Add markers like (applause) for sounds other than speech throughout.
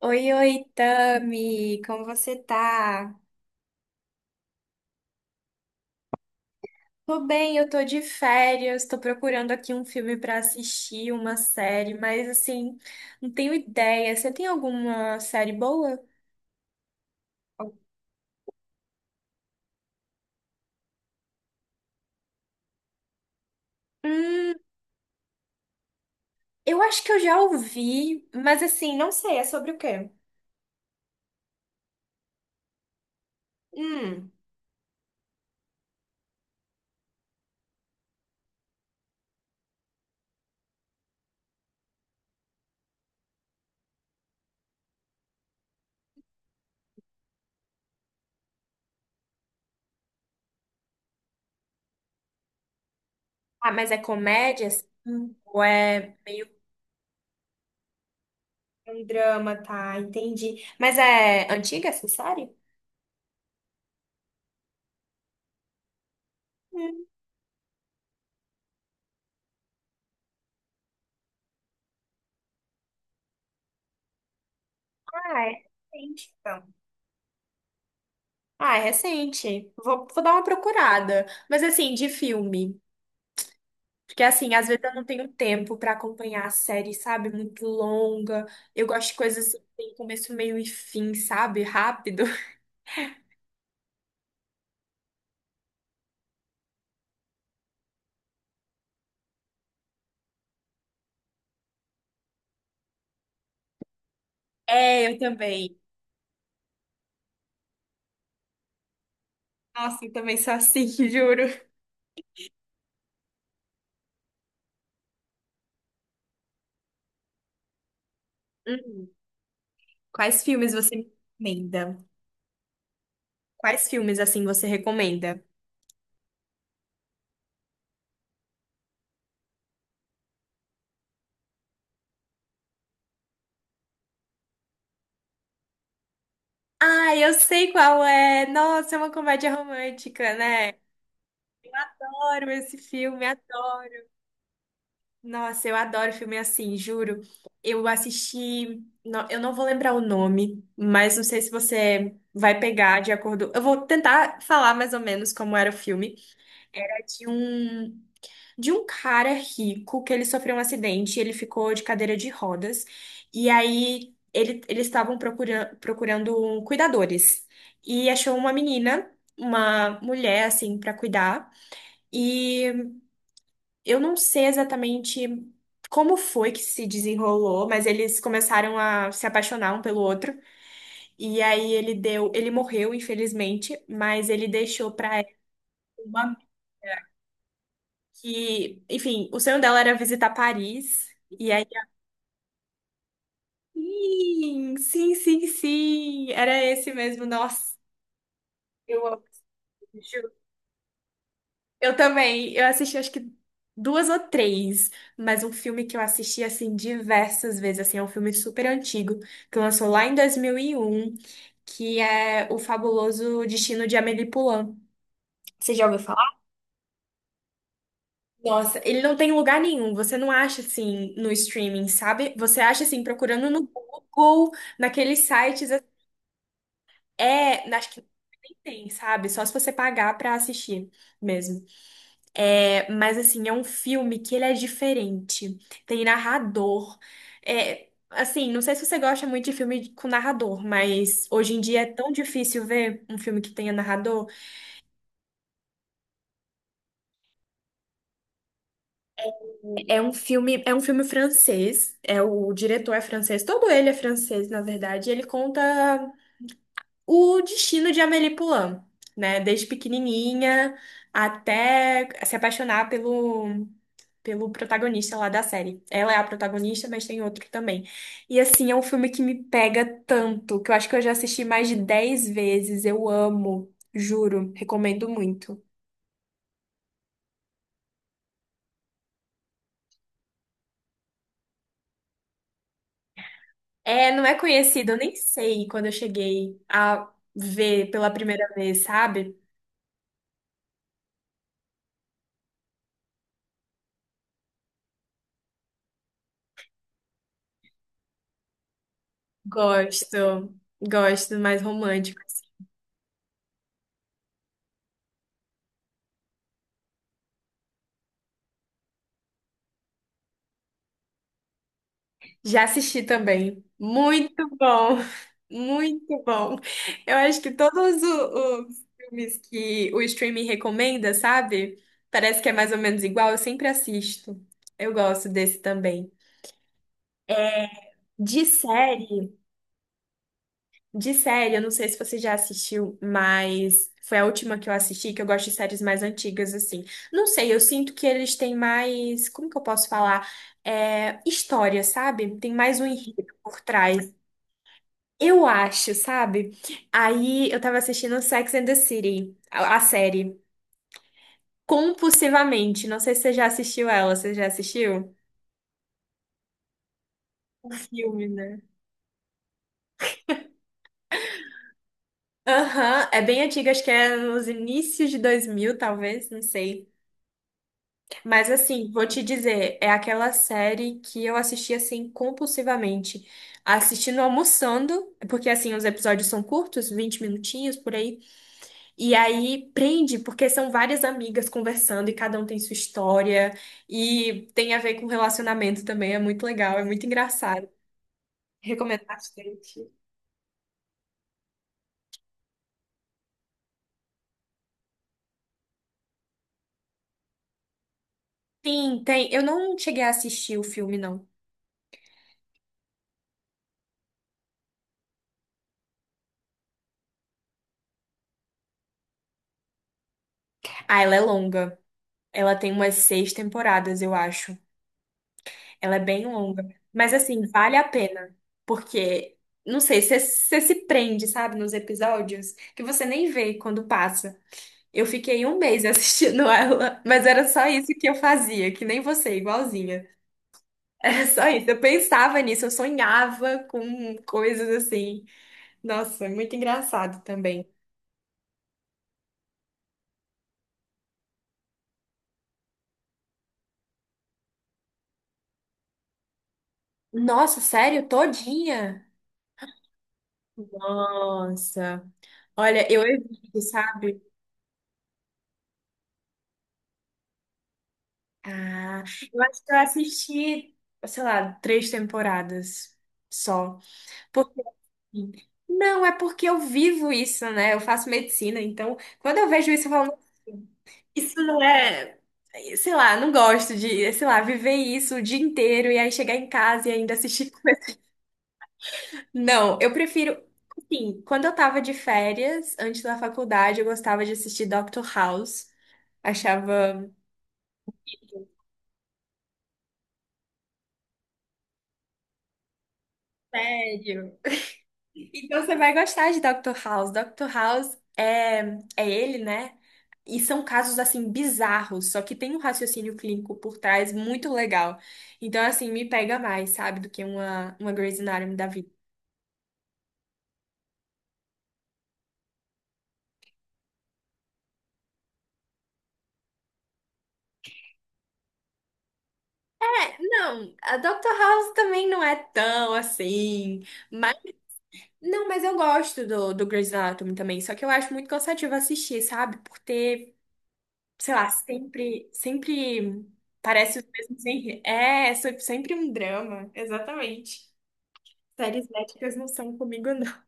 Oi, oi, Tami, como você tá? Tô bem, eu tô de férias, tô procurando aqui um filme pra assistir, uma série, mas assim, não tenho ideia. Você tem alguma série boa? Hum, eu acho que eu já ouvi, mas assim, não sei, é sobre o quê? Hum. Ah, mas é comédia? Assim? Ou é meio que um drama, tá? Entendi. Mas é antiga essa série? Hum, ah, é recente, então. Ah, é recente. Vou dar uma procurada. Mas assim, de filme. Porque assim, às vezes eu não tenho tempo pra acompanhar a série, sabe? Muito longa. Eu gosto de coisas que tem começo, meio e fim, sabe? Rápido. (laughs) É, eu também. Nossa, eu também sou assim, (laughs) juro. Uhum. Quais filmes você me recomenda? Quais filmes assim você recomenda? Ah, eu sei qual é. Nossa, é uma comédia romântica, né? Adoro esse filme. Nossa, eu adoro filme assim, juro. Eu assisti, eu não vou lembrar o nome, mas não sei se você vai pegar de acordo. Eu vou tentar falar mais ou menos como era o filme. Era de um cara rico que ele sofreu um acidente, ele ficou de cadeira de rodas, e aí ele, eles estavam procurando, procurando cuidadores, e achou uma menina, uma mulher, assim, pra cuidar, e eu não sei exatamente como foi que se desenrolou, mas eles começaram a se apaixonar um pelo outro. E aí ele deu, ele morreu, infelizmente, mas ele deixou pra ela uma que, enfim, o sonho dela era visitar Paris. E aí, sim, sim, sim, sim, era esse mesmo. Nossa, eu amo. Eu também. Eu assisti acho que duas ou três, mas um filme que eu assisti assim diversas vezes, assim, é um filme super antigo, que lançou lá em 2001, que é O Fabuloso Destino de Amélie Poulain. Você já ouviu falar? Nossa, ele não tem lugar nenhum, você não acha assim no streaming, sabe? Você acha assim procurando no Google, naqueles sites, é, acho que nem tem, sabe? Só se você pagar pra assistir mesmo. É, mas assim, é um filme que ele é diferente. Tem narrador. É, assim, não sei se você gosta muito de filme com narrador, mas hoje em dia é tão difícil ver um filme que tenha narrador. É um filme francês. É o diretor é francês, todo ele é francês, na verdade. E ele conta o destino de Amélie Poulain, né? Desde pequenininha até se apaixonar pelo protagonista lá da série. Ela é a protagonista, mas tem outro também. E assim, é um filme que me pega tanto, que eu acho que eu já assisti mais de 10 vezes. Eu amo, juro, recomendo muito. É, não é conhecido, eu nem sei quando eu cheguei a ver pela primeira vez, sabe? Gosto, gosto mais romântico. Já assisti também. Muito bom. (laughs) Muito bom. Eu acho que todos os filmes que o streaming recomenda, sabe? Parece que é mais ou menos igual, eu sempre assisto. Eu gosto desse também. De série, de série, eu não sei se você já assistiu, mas foi a última que eu assisti, que eu gosto de séries mais antigas, assim. Não sei, eu sinto que eles têm mais, como que eu posso falar? É, história, sabe? Tem mais um enredo por trás. Eu acho, sabe? Aí eu tava assistindo Sex and the City, a série. Compulsivamente. Não sei se você já assistiu ela. Você já assistiu? O filme, né? Aham, é bem antiga, acho que é nos inícios de 2000, talvez, não sei. Mas assim, vou te dizer, é aquela série que eu assisti assim compulsivamente. Assistindo almoçando, porque assim, os episódios são curtos, 20 minutinhos por aí. E aí prende, porque são várias amigas conversando e cada um tem sua história e tem a ver com relacionamento também, é muito legal, é muito engraçado. Recomendo bastante. Sim, tem. Eu não cheguei a assistir o filme, não. Ah, ela é longa. Ela tem umas seis temporadas, eu acho. Ela é bem longa. Mas assim, vale a pena. Porque, não sei, você se prende, sabe, nos episódios que você nem vê quando passa. Eu fiquei um mês (laughs) assistindo ela, mas era só isso que eu fazia, que nem você, igualzinha. (laughs) Era só isso. Eu pensava nisso, eu sonhava com coisas assim. Nossa, muito engraçado também. Nossa, sério? Todinha? Nossa. Olha, eu evito, sabe? Ah, eu acho que eu assisti, sei lá, três temporadas só. Porque assim, não, é porque eu vivo isso, né? Eu faço medicina, então quando eu vejo isso, eu falo. Isso não é, sei lá, não gosto de, sei lá, viver isso o dia inteiro e aí chegar em casa e ainda assistir (laughs) coisa. Não, eu prefiro, assim, quando eu tava de férias, antes da faculdade, eu gostava de assistir Doctor House. Achava sério. Então você vai gostar de Doctor House. Doctor House é, é ele, né? E são casos assim bizarros, só que tem um raciocínio clínico por trás muito legal. Então assim, me pega mais, sabe, do que uma Grey's Anatomy da vida. Não, a Dr. House também não é tão assim. Mas, não, mas eu gosto do, do Grey's Anatomy também. Só que eu acho muito cansativo assistir, sabe? Por ter, sei lá, sempre parece os mesmos enredos. É, sempre um drama, exatamente. Séries médicas não são comigo, não.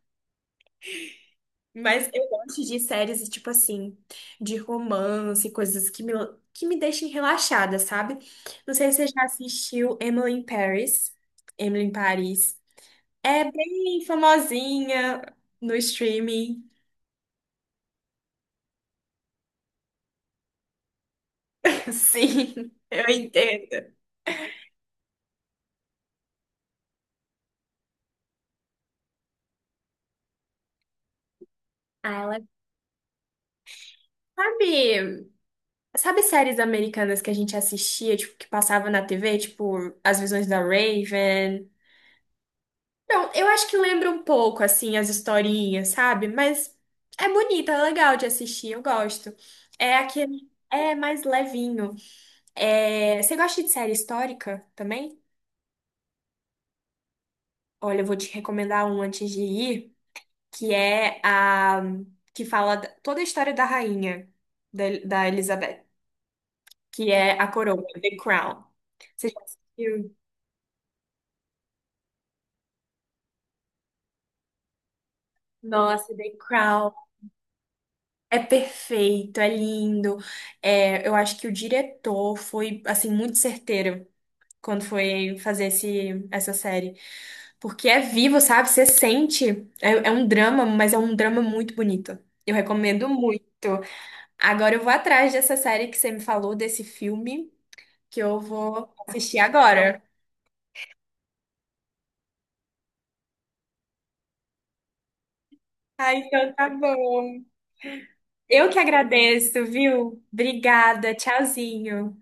Mas eu gosto de séries, tipo assim, de romance, coisas que me deixem relaxada, sabe? Não sei se você já assistiu Emily in Paris. Emily em Paris. É bem famosinha no streaming. (laughs) Sim, eu entendo. Ah, ela. Sabe, sabe séries americanas que a gente assistia, tipo, que passava na TV, tipo, As Visões da Raven? Não, eu acho que lembra um pouco, assim, as historinhas, sabe? Mas é bonita, é legal de assistir, eu gosto. É aquele. É mais levinho. É, você gosta de série histórica também? Olha, eu vou te recomendar um antes de ir. Que é a que fala da- toda a história da rainha da Elizabeth, que é a coroa, The Crown. Você já assistiu? Nossa, The Crown. É perfeito, é lindo. É, eu acho que o diretor foi assim muito certeiro quando foi fazer essa série, porque é vivo, sabe? Você sente. É, é um drama, mas é um drama muito bonito. Eu recomendo muito. Agora eu vou atrás dessa série que você me falou, desse filme. Que eu vou assistir agora. Ah, então tá bom. Eu que agradeço, viu? Obrigada, tchauzinho.